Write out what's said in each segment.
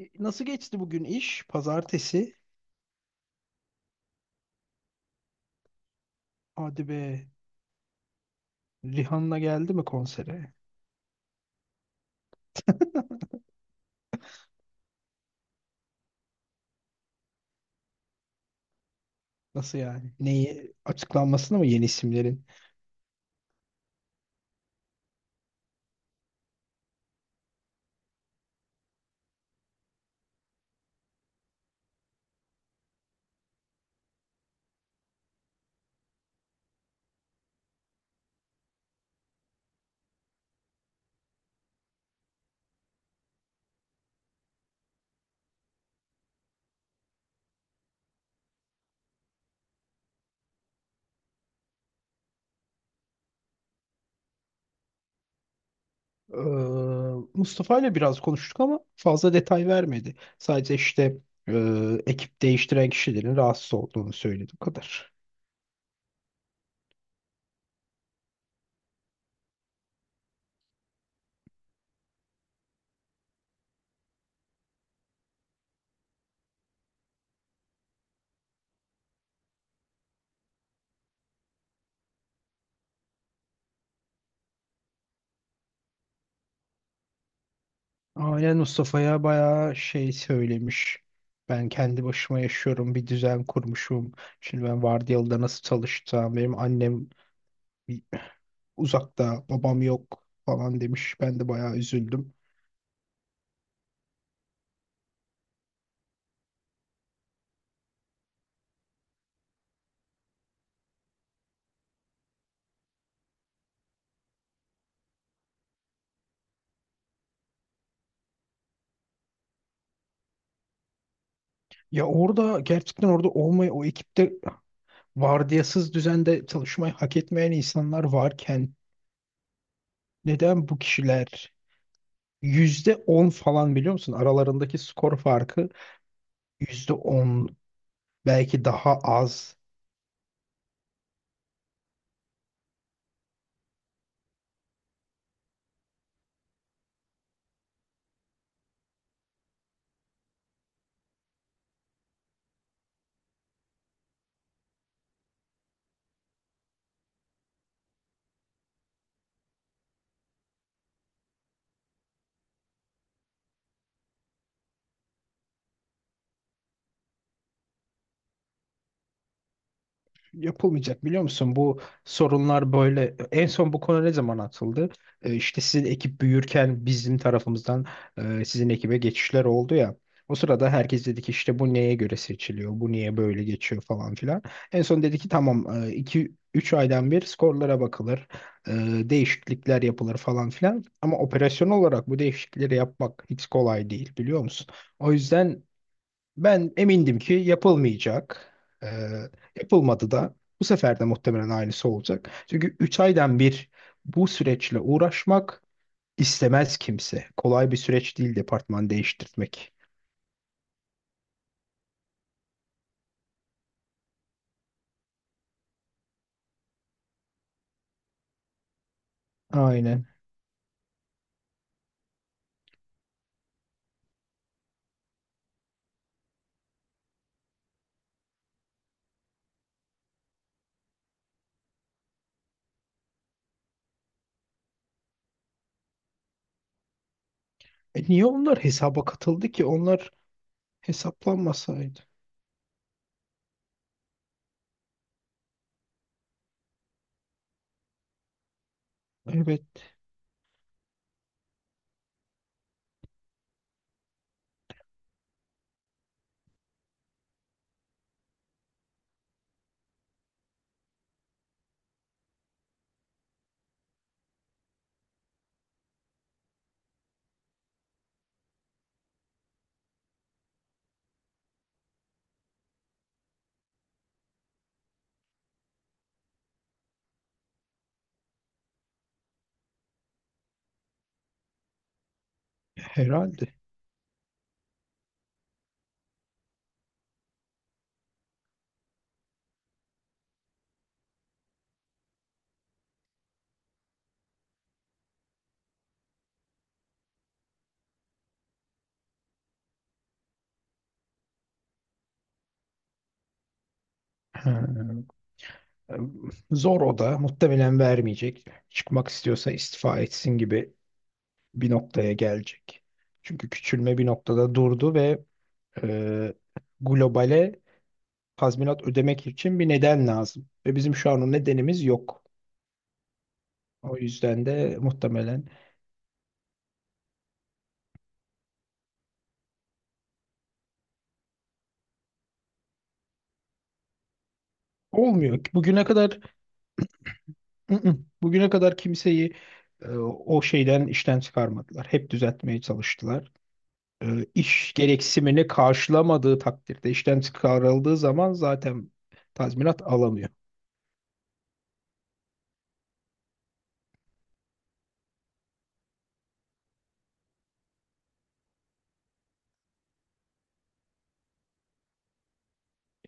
Nasıl geçti bugün iş? Pazartesi. Hadi be. Rihanna geldi mi konsere? Nasıl yani? Neyi? Açıklanmasını mı yeni isimlerin? Ee, Mustafa ile biraz konuştuk ama fazla detay vermedi. Sadece işte e, ekip değiştiren kişilerin rahatsız olduğunu söyledi. Bu kadar. Aynen Mustafa'ya bayağı şey söylemiş. Ben kendi başıma yaşıyorum, bir düzen kurmuşum. Şimdi ben vardiyalıda nasıl çalışacağım? Benim annem bir- uzakta, babam yok falan demiş. Ben de bayağı üzüldüm. Ya orada gerçekten orada olmayı, o ekipte vardiyasız düzende çalışmayı hak etmeyen insanlar varken neden bu kişiler %10 falan biliyor musun? Aralarındaki skor farkı %10 belki daha az. Yapılmayacak biliyor musun? Bu sorunlar böyle en son bu konu ne zaman atıldı? İşte sizin ekip büyürken bizim tarafımızdan sizin ekibe geçişler oldu ya. O sırada herkes dedi ki işte bu neye göre seçiliyor? Bu niye böyle geçiyor falan filan. En son dedi ki tamam 2 3 aydan bir skorlara bakılır. e, Değişiklikler yapılır falan filan. Ama operasyon olarak bu değişiklikleri yapmak hiç kolay değil biliyor musun? O yüzden ben emindim ki yapılmayacak. Ee, Yapılmadı da bu sefer de muhtemelen aynısı olacak. Çünkü 3 aydan bir bu süreçle uğraşmak istemez kimse. Kolay bir süreç değil departman değiştirmek. Aynen. E niye onlar hesaba katıldı ki? Onlar hesaplanmasaydı. Evet, herhalde. Ha. Zor o da. Muhtemelen vermeyecek. Çıkmak istiyorsa istifa etsin gibi bir noktaya gelecek. Çünkü küçülme bir noktada durdu ve e, globale tazminat ödemek için bir neden lazım. Ve bizim şu an o nedenimiz yok. O yüzden de muhtemelen olmuyor. Bugüne kadar bugüne kadar kimseyi o şeyden işten çıkarmadılar. Hep düzeltmeye çalıştılar. İş gereksinimini karşılamadığı takdirde işten çıkarıldığı zaman zaten tazminat alamıyor.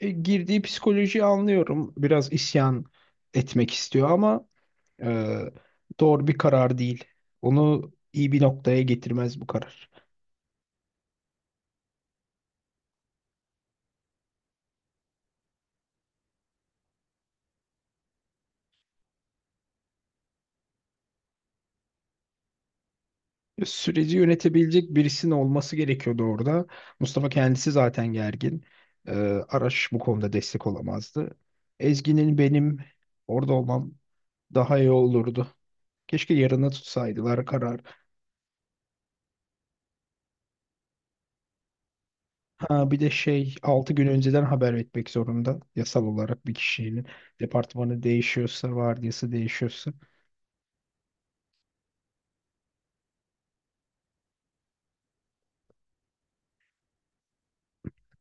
Girdiği psikolojiyi anlıyorum. Biraz isyan etmek istiyor ama Ee, doğru bir karar değil. Onu iyi bir noktaya getirmez bu karar. Süreci yönetebilecek birisinin olması gerekiyordu orada. Mustafa kendisi zaten gergin. Ee, Araş bu konuda destek olamazdı. Ezgi'nin benim orada olmam daha iyi olurdu. Keşke yarına tutsaydılar karar. Ha bir de şey 6 gün önceden haber etmek zorunda yasal olarak bir kişinin departmanı değişiyorsa, vardiyası değişiyorsa.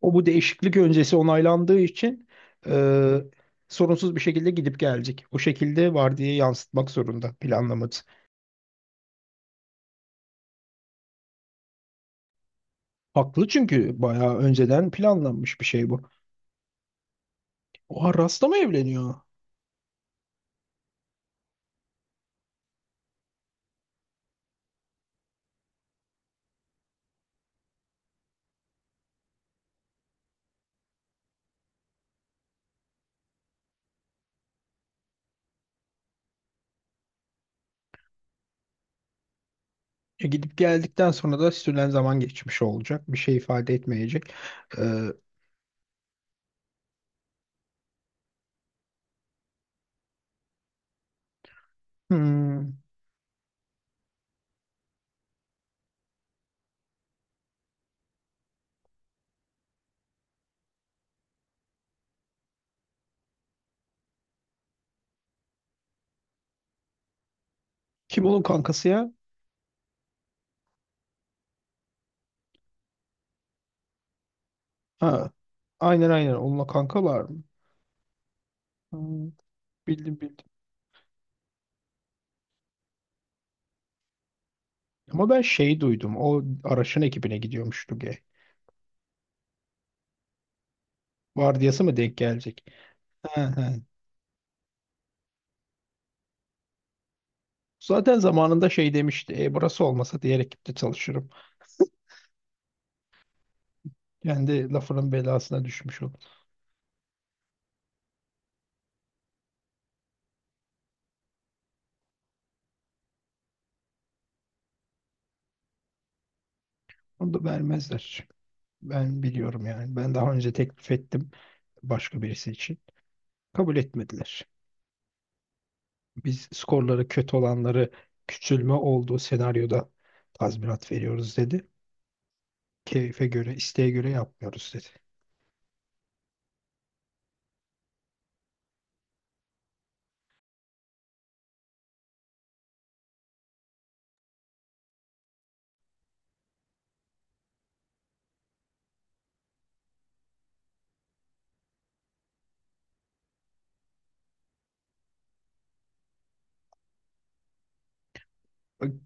O bu değişiklik öncesi onaylandığı için e, sorunsuz bir şekilde gidip gelecek. O şekilde vardiyayı yansıtmak zorunda planlaması. Haklı çünkü bayağı önceden planlanmış bir şey bu. Oha rasta mı evleniyor? Gidip geldikten sonra da sürülen zaman geçmiş olacak. Bir şey ifade etmeyecek. E, hmm, Kim onun kankası ya? Ha, aynen aynen onunla kankalar mı? Hmm, Bildim bildim. Ama ben şey duydum. O Araş'ın ekibine gidiyormuş Duge. Vardiyası mı denk gelecek? He he. Zaten zamanında şey demişti. Burası olmasa diğer ekipte çalışırım. Kendi lafının belasına düşmüş olur. Onu da vermezler. Ben biliyorum yani. Ben daha önce teklif ettim başka birisi için. Kabul etmediler. Biz skorları kötü olanları küçülme olduğu senaryoda tazminat veriyoruz dedi. Keyfe göre, isteğe göre yapmıyoruz dedi.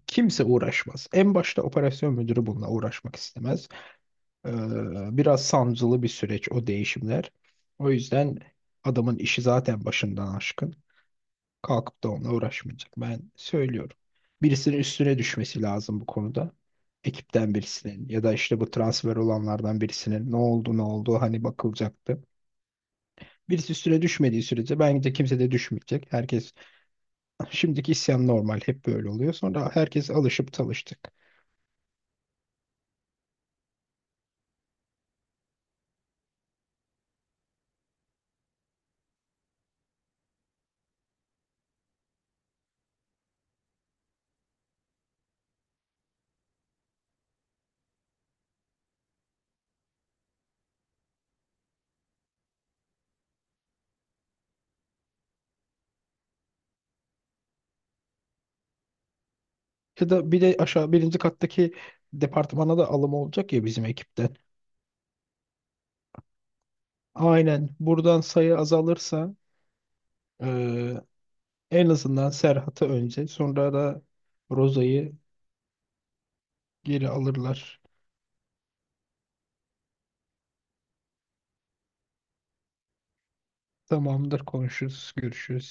Kimse uğraşmaz. En başta operasyon müdürü bununla uğraşmak istemez. Biraz sancılı bir süreç o değişimler. O yüzden adamın işi zaten başından aşkın. Kalkıp da onunla uğraşmayacak. Ben söylüyorum. Birisinin üstüne düşmesi lazım bu konuda. Ekipten birisinin ya da işte bu transfer olanlardan birisinin ne oldu ne oldu hani bakılacaktı. Birisi üstüne düşmediği sürece bence kimse de düşmeyecek. Herkes şimdiki isyan normal hep böyle oluyor. Sonra herkes alışıp talıştık. Ya da bir de aşağı birinci kattaki departmana da alım olacak ya bizim ekipten. Aynen buradan sayı azalırsa eee, en azından Serhat'ı önce sonra da Roza'yı geri alırlar. Tamamdır konuşuruz, görüşürüz.